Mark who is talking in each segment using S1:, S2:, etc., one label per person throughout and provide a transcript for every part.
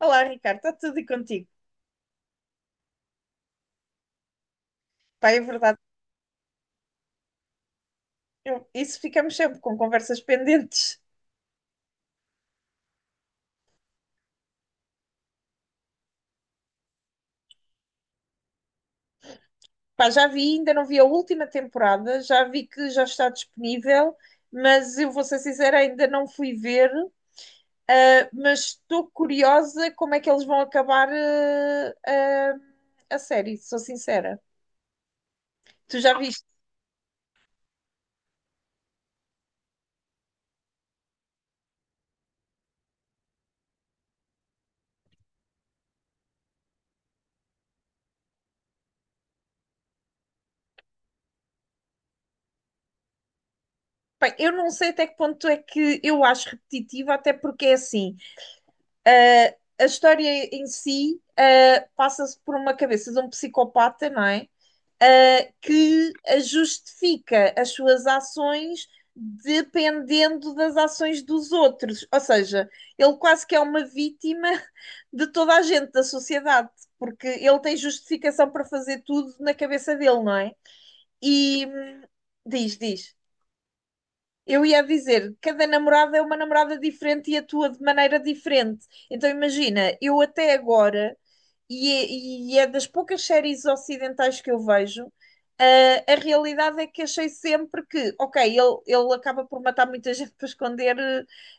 S1: Olá, Ricardo, está tudo e contigo? Pá, é verdade, isso ficamos sempre com conversas pendentes. Pá, já vi, ainda não vi a última temporada, já vi que já está disponível, mas eu vou ser sincera, ainda não fui ver, mas estou curiosa como é que eles vão acabar, a série, sou sincera. Tu já viste? Bem, eu não sei até que ponto é que eu acho repetitiva, até porque é assim, ah, a história em si, passa-se por uma cabeça de um psicopata, não é? Que justifica as suas ações dependendo das ações dos outros. Ou seja, ele quase que é uma vítima de toda a gente da sociedade, porque ele tem justificação para fazer tudo na cabeça dele, não é? E diz. Eu ia dizer, cada namorada é uma namorada diferente e atua de maneira diferente. Então imagina, eu até agora e é, e é das poucas séries ocidentais que eu vejo. Ah, a realidade é que achei sempre que, ok, ele acaba por matar muita gente para esconder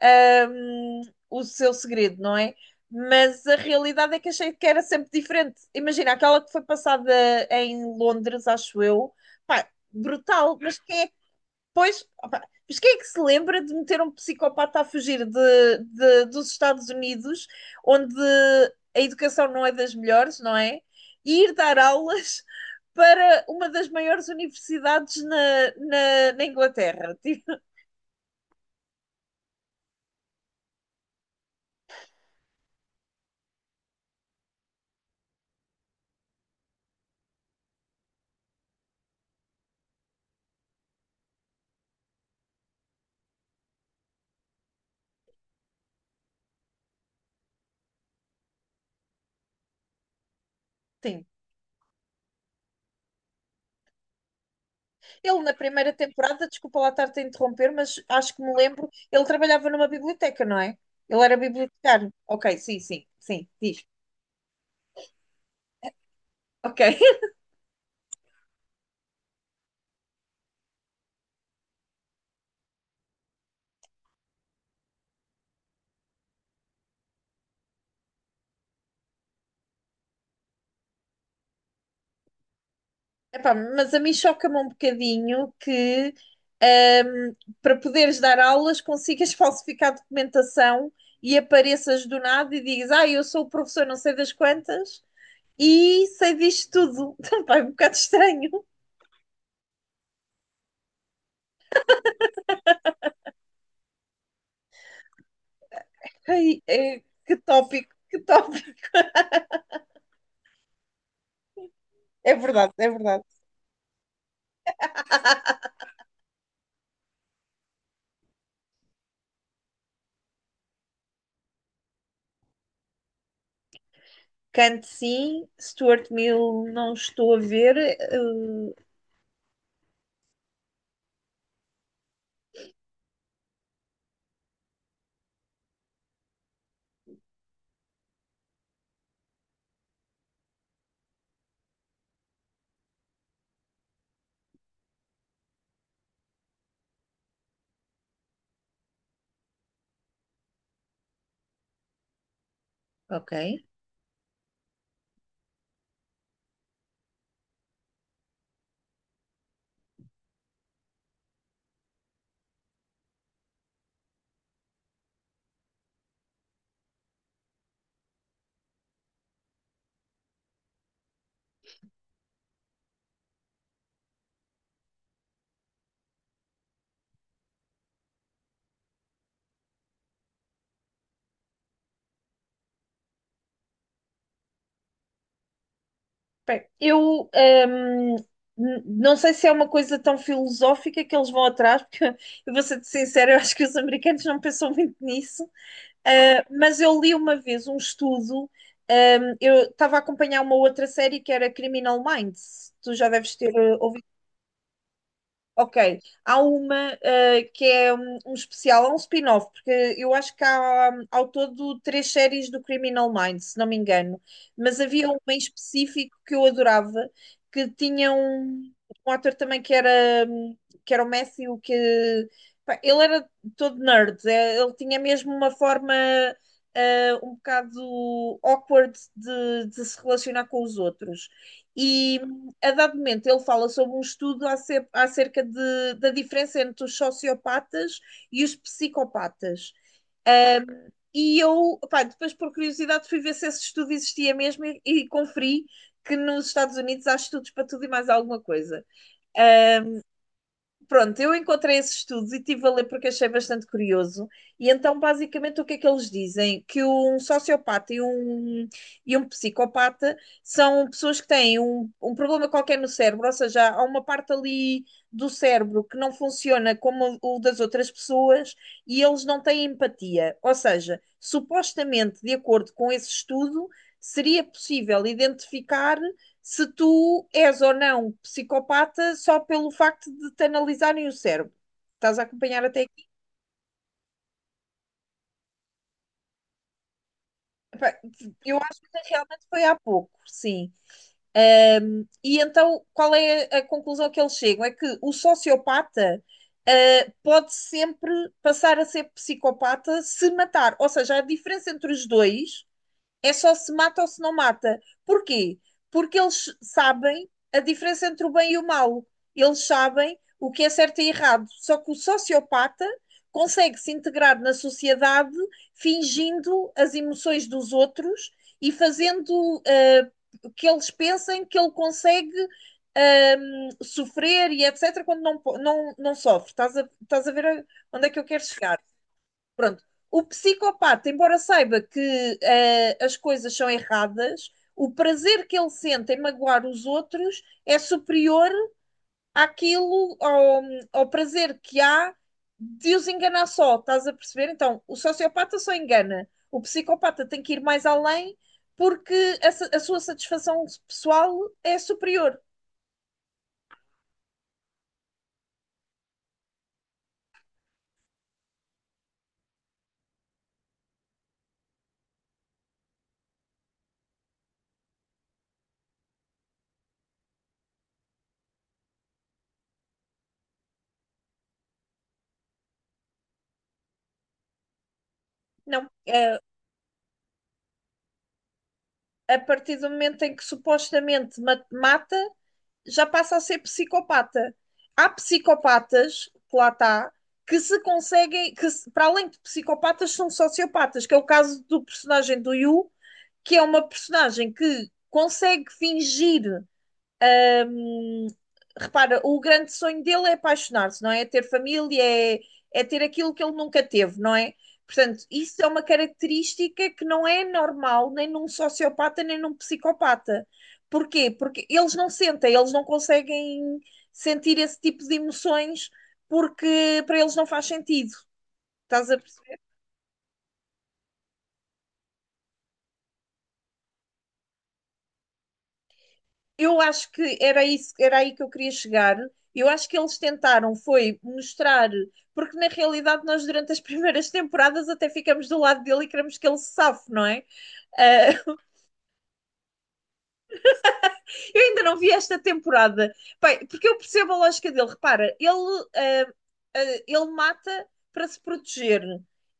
S1: eh, ahm, o seu segredo, não é? Mas a realidade é que achei que era sempre diferente. Imagina, aquela que foi passada em Londres, acho eu, pá, brutal, mas quem é. Pois, opa, mas quem é que se lembra de meter um psicopata a fugir dos Estados Unidos, onde a educação não é das melhores, não é? E ir dar aulas para uma das maiores universidades na Inglaterra. Tipo, sim. Ele, na primeira temporada, desculpa lá estar-te a interromper, mas acho que me lembro, ele trabalhava numa biblioteca, não é? Ele era bibliotecário. Ok, sim, sim, sim, diz. Ok. Epá, mas a mim choca-me um bocadinho que ahm, para poderes dar aulas consigas falsificar documentação e apareças do nada e digas, ah, eu sou o professor não sei das quantas e sei disto tudo. Epá, é um bocado estranho. Ai, que tópico, que tópico. É verdade, é verdade. Kant sim, Stuart Mill não estou a ver. Ok. Bem, eu não sei se é uma coisa tão filosófica que eles vão atrás, porque eu vou ser sincera, eu acho que os americanos não pensam muito nisso. Ah, mas eu li uma vez um estudo, eu estava a acompanhar uma outra série que era Criminal Minds, tu já deves ter ouvido. Ok, há uma que é um especial, há um spin-off, porque eu acho que há ao todo três séries do Criminal Minds, se não me engano, mas havia uma em específico que eu adorava, que tinha um ator também que era o Matthew, que pá, ele era todo nerd, é, ele tinha mesmo uma forma um bocado awkward de se relacionar com os outros. A dado momento ele fala sobre um estudo acerca da diferença entre os sociopatas e os psicopatas. Ahm, e eu, pá, depois por curiosidade fui ver se esse estudo existia mesmo e conferi que nos Estados Unidos há estudos para tudo e mais alguma coisa. Uh, Pronto, eu encontrei esses estudos e estive a ler porque achei bastante curioso. E então, basicamente, o que é que eles dizem? Que e um psicopata são pessoas que têm um problema qualquer no cérebro, ou seja, há uma parte ali do cérebro que não funciona como o das outras pessoas e eles não têm empatia. Ou seja, supostamente, de acordo com esse estudo, seria possível identificar se tu és ou não psicopata só pelo facto de te analisarem o cérebro. Estás a acompanhar até aqui? Epá, eu acho que realmente foi há pouco, sim. E então, qual é a conclusão que eles chegam? É que o sociopata, ah, pode sempre passar a ser psicopata se matar. Ou seja, a diferença entre os dois é só se mata ou se não mata. Porquê? Porque eles sabem a diferença entre o bem e o mal. Eles sabem o que é certo e errado. Só que o sociopata consegue se integrar na sociedade fingindo as emoções dos outros e fazendo que eles pensem que ele consegue ah, sofrer e etc. quando não, não sofre. Estás a ver onde é que eu quero chegar? Pronto. O psicopata, embora saiba que as coisas são erradas, o prazer que ele sente em magoar os outros é superior àquilo, ao, ao prazer que há de os enganar só, estás a perceber? Então, o sociopata só engana, o psicopata tem que ir mais além porque a sua satisfação pessoal é superior. Não, é, a partir do momento em que supostamente mata, já passa a ser psicopata. Há psicopatas, que lá está, que se conseguem, que se- para além de psicopatas, são sociopatas, que é o caso do personagem do Yu, que é uma personagem que consegue fingir. Ahm, repara, o grande sonho dele é apaixonar-se, não é? É ter aquilo que ele nunca teve, não é? Portanto, isso é uma característica que não é normal nem num sociopata nem num psicopata. Porquê? Porque eles não sentem, eles não conseguem sentir esse tipo de emoções porque para eles não faz sentido. Estás a perceber? Eu acho que era isso, era aí que eu queria chegar. Eu acho que eles tentaram foi mostrar, porque na realidade nós durante as primeiras temporadas até ficamos do lado dele e queremos que ele se safe, não é? Ah, eu ainda não vi esta temporada. Bem, porque eu percebo a lógica dele. Repara, ah, ele mata para se proteger,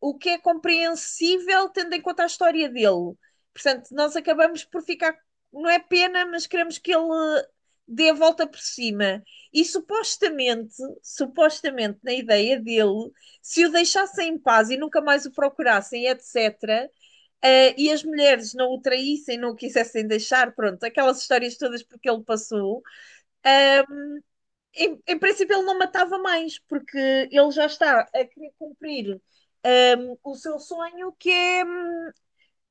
S1: o que é compreensível tendo em conta a história dele. Portanto, nós acabamos por ficar. Não é pena, mas queremos que ele dê a volta por cima. E supostamente, na ideia dele, se o deixassem em paz e nunca mais o procurassem, etc., e as mulheres não o traíssem, não o quisessem deixar, pronto, aquelas histórias todas porque ele passou. Em princípio, ele não matava mais, porque ele já está a querer cumprir o seu sonho, que é,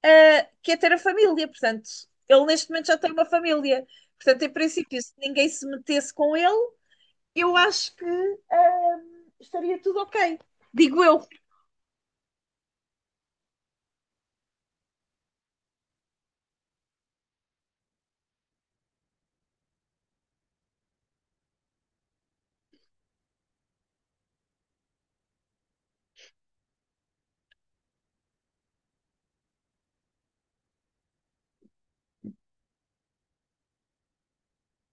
S1: eh, que é ter a família. Portanto, ele neste momento já tem uma família. Portanto, em princípio, se ninguém se metesse com ele, eu acho que estaria tudo ok. Digo eu.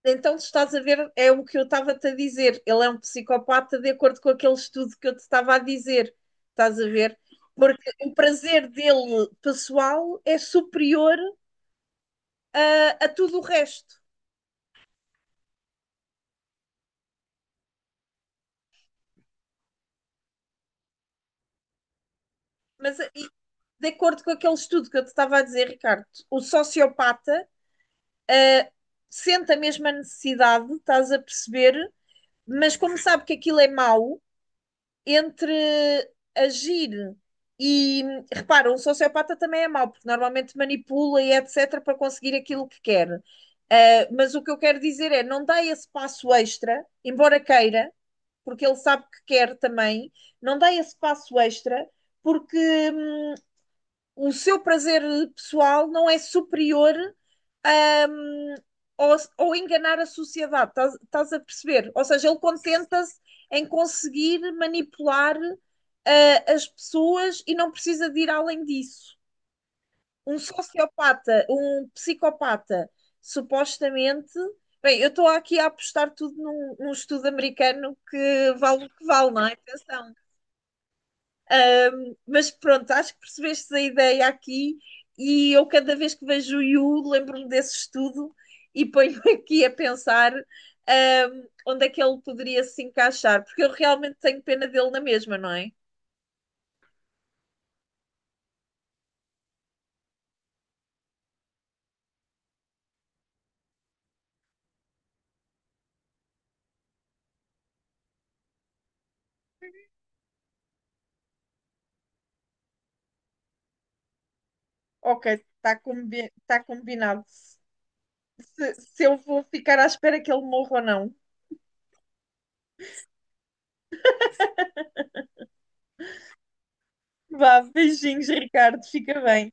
S1: Então, tu estás a ver, é o que eu estava-te a dizer. Ele é um psicopata de acordo com aquele estudo que eu te estava a dizer. Estás a ver? Porque o prazer dele pessoal é superior a tudo o resto. Mas e de acordo com aquele estudo que eu te estava a dizer, Ricardo, o sociopata sente a mesma necessidade, estás a perceber, mas como sabe que aquilo é mau, entre agir e, repara, um sociopata também é mau, porque normalmente manipula e etc. para conseguir aquilo que quer. Mas o que eu quero dizer é, não dá esse passo extra, embora queira, porque ele sabe que quer também, não dá esse passo extra, porque hum, o seu prazer pessoal não é superior hum, ao enganar a sociedade, estás a perceber? Ou seja, ele contenta-se em conseguir manipular as pessoas e não precisa de ir além disso. Um sociopata, um psicopata, supostamente. Bem, eu estou aqui a apostar tudo num estudo americano que vale o que vale, não é? Atenção. Um, mas pronto, acho que percebeste a ideia aqui e eu cada vez que vejo o Yu lembro-me desse estudo e ponho-me aqui a pensar um, onde é que ele poderia se encaixar, porque eu realmente tenho pena dele na mesma, não é? Ok, está combi tá combinado. Se eu vou ficar à espera que ele morra ou não. Vá, beijinhos, Ricardo, fica bem.